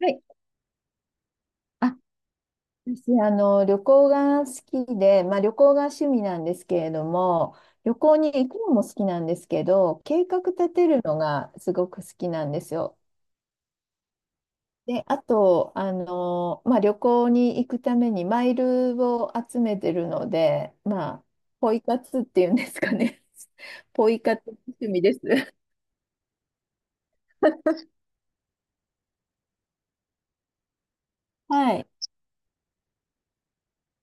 はい。あ、私、旅行が好きで、旅行が趣味なんですけれども、旅行に行くのも好きなんですけど、計画立てるのがすごく好きなんですよ。で、あと、旅行に行くためにマイルを集めてるので、ポイ活っていうんですかね。ポイ活趣味です。はい。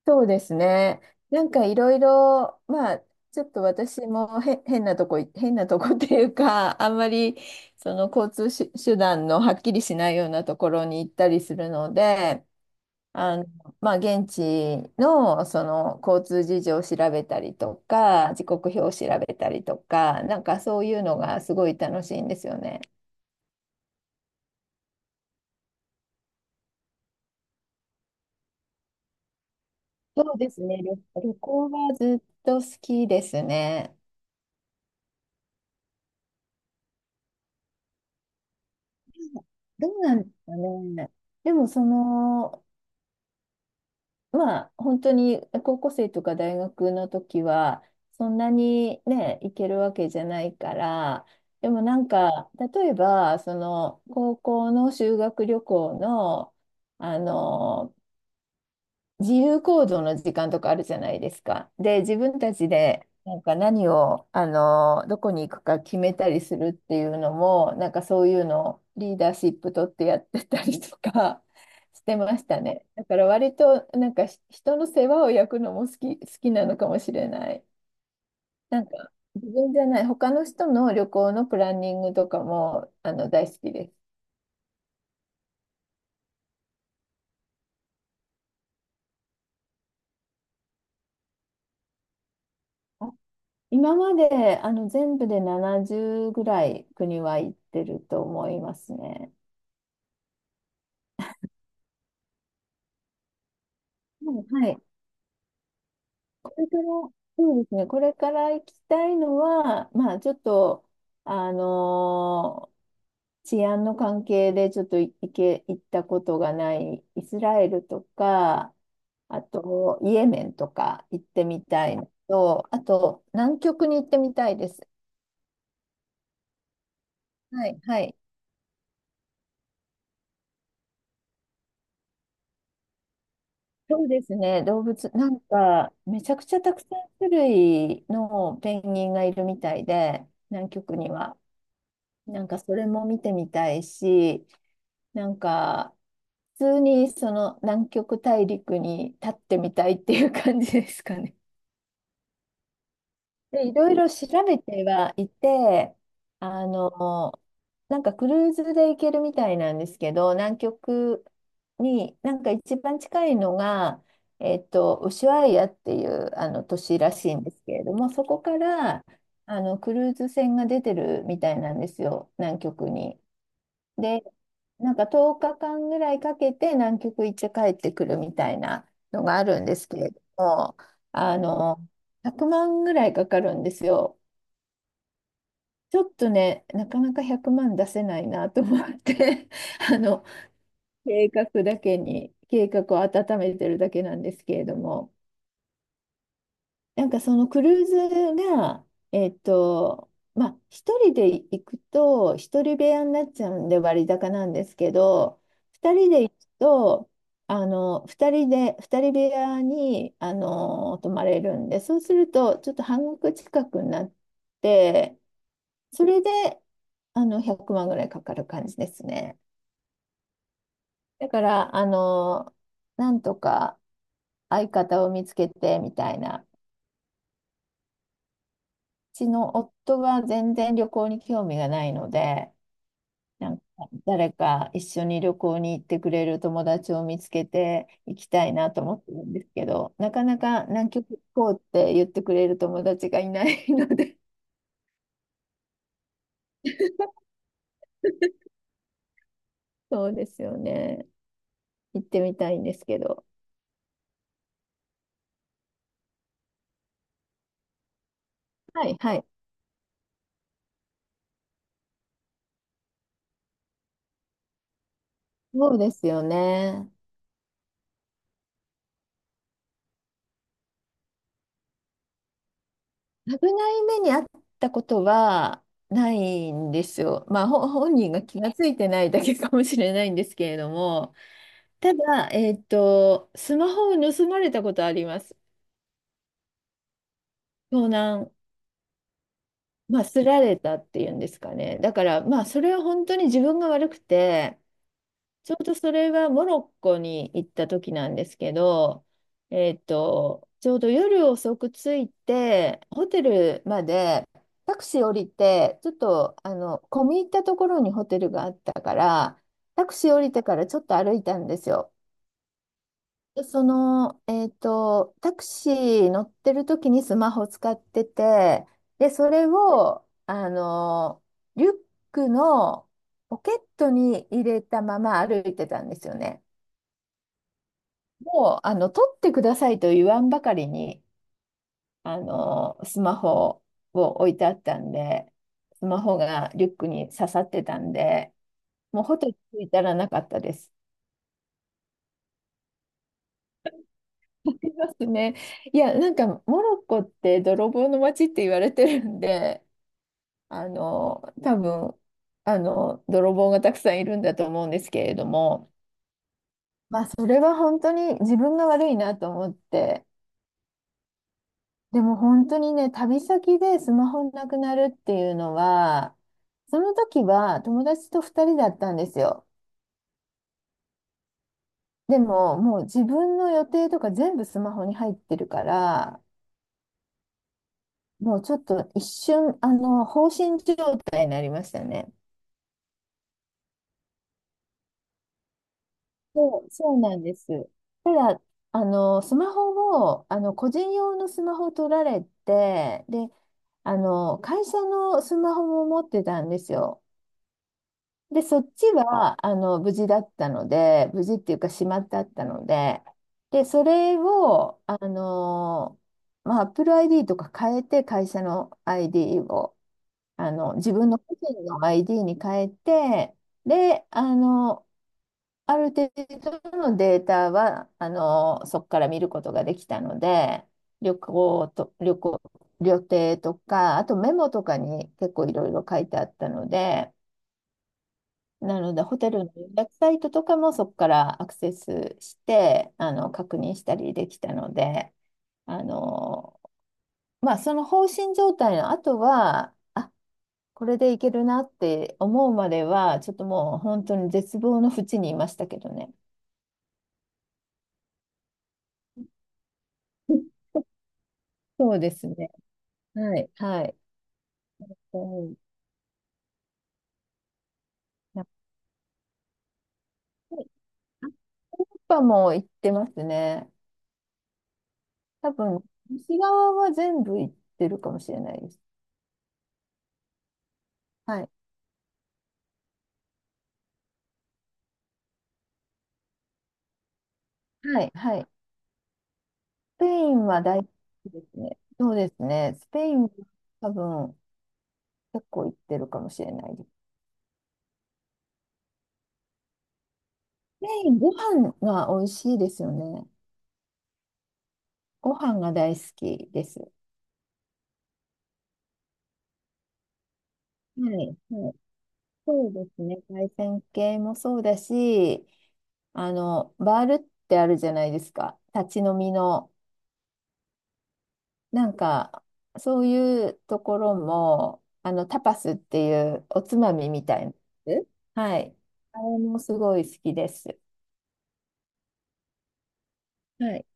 そうですね。なんかいろいろ、ちょっと私もへ変なとこい、変なとこっていうか、あんまり交通手段のはっきりしないようなところに行ったりするので、あの、現地の交通事情を調べたりとか、時刻表を調べたりとか、なんかそういうのがすごい楽しいんですよね。そうですね。旅行はずっと好きですね。どうなんですかね。でも本当に高校生とか大学の時は、そんなにね、行けるわけじゃないから、でもなんか、例えば、高校の修学旅行の、あの、自由行動の時間とかあるじゃないですか。で、自分たちでなんか何を、あの、どこに行くか決めたりするっていうのも、なんかそういうのをリーダーシップ取ってやってたりとか してましたね。だから割となんか人の世話を焼くのも好きなのかもしれない。なんか自分じゃない、他の人の旅行のプランニングとかも大好きです。今まで全部で70ぐらい国は行ってると思いますね。もうはい。これから、そうですね。これから行きたいのは、ちょっと、あのー治安の関係でちょっとい行け、行ったことがないイスラエルとか、あとイエメンとか行ってみたいのと、あと南極に行ってみたいです。はい、はい。そうですね、動物、なんか、めちゃくちゃたくさん種類のペンギンがいるみたいで、南極には。なんか、それも見てみたいし、なんか、普通にその南極大陸に立ってみたいっていう感じですかね。で、いろいろ調べてはいて、あの、なんかクルーズで行けるみたいなんですけど、南極に、なんか一番近いのが、ウシュアイアっていうあの都市らしいんですけれども、そこからクルーズ船が出てるみたいなんですよ、南極に。で、なんか10日間ぐらいかけて南極行って帰ってくるみたいなのがあるんですけれども、あの、100万ぐらいかかるんですよ。ちょっとね、なかなか100万出せないなと思って あの、計画だけに、計画を温めてるだけなんですけれども。なんかクルーズが、一人で行くと、一人部屋になっちゃうんで割高なんですけど、二人で行くと、二人部屋に、泊まれるんで、そうすると、ちょっと半額近くになって、それで、100万ぐらいかかる感じですね。だから、なんとか相方を見つけてみたいな。ちの夫が全然旅行に興味がないので、なんか誰か一緒に旅行に行ってくれる友達を見つけて行きたいなと思ってるんですけど、なかなか南極行こうって言ってくれる友達がいないので、そうですよね。行ってみたいんですけど。はいはい。そうですよね。危ない目にあったことはないんですよ。本人が気がついてないだけかもしれないんですけれども。ただ、スマホを盗まれたことあります。盗難、すられたっていうんですかね。だから、それは本当に自分が悪くて、ちょうどそれはモロッコに行った時なんですけど、ちょうど夜遅く着いて、ホテルまでタクシー降りて、ちょっと、込み入ったところにホテルがあったから、タクシー降りてからちょっと歩いたんですよ。タクシー乗ってる時にスマホ使ってて、で、それを、リュックのポケットに入れたまま歩いてたんですよね。もう、取ってくださいと言わんばかりに、スマホを置いてあったんで、スマホがリュックに刺さってたんで、もうホテル着いたらなかったです。ありますね。いや、なんかモロッコって泥棒の街って言われてるんで、多分、泥棒がたくさんいるんだと思うんですけれども、それは本当に自分が悪いなと思って、でも本当にね、旅先でスマホなくなるっていうのは、その時は友達と2人だったんですよ。でも、もう自分の予定とか全部スマホに入ってるから、もうちょっと一瞬、放心状態になりましたね。そう、そうなんです。ただ、スマホを、あの、個人用のスマホを取られて、で、会社のスマホも持ってたんですよ。で、そっちは、無事だったので、無事っていうか、しまってあったので、で、それを、Apple ID とか変えて、会社の ID を。自分の個人の ID に変えて、で、ある程度のデータは、そこから見ることができたので、旅行と、旅行、旅程とか、あとメモとかに結構いろいろ書いてあったので、なので、ホテルの予約サイトとかもそこからアクセスして、確認したりできたので、あの、その放心状態の後は、あこれでいけるなって思うまでは、ちょっともう本当に絶望の淵にいましたけどね。そうですね。はい。はい。うん。やっぱりヨーロッパも行ってますね。多分、西側は全部行ってるかもしれないです。はい。はい。はい。スペインは大好きですね。そうですね。スペインは多分、結構行ってるかもしれないです。スペイン、ご飯が美味しいですよね。ご飯が大好きです。はい。はい。そうですね。対戦系もそうだし、バールってあるじゃないですか。立ち飲みの。なんか、そういうところも、タパスっていうおつまみみたいなやつ。はい。あれもすごい好きです。はい。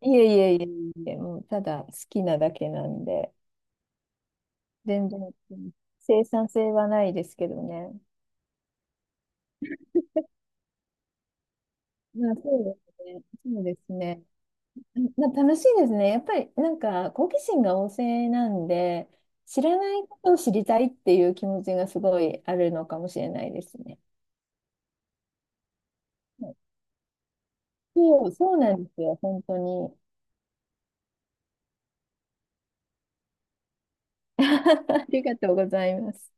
いえいえいえいえ、もうただ好きなだけなんで、全然生産性はないですけどね。そうですね。そうですね。楽しいですね。やっぱりなんか好奇心が旺盛なんで、知らないことを知りたいっていう気持ちがすごいあるのかもしれないですね。そう、そうなんですよ、本当に。ありがとうございます。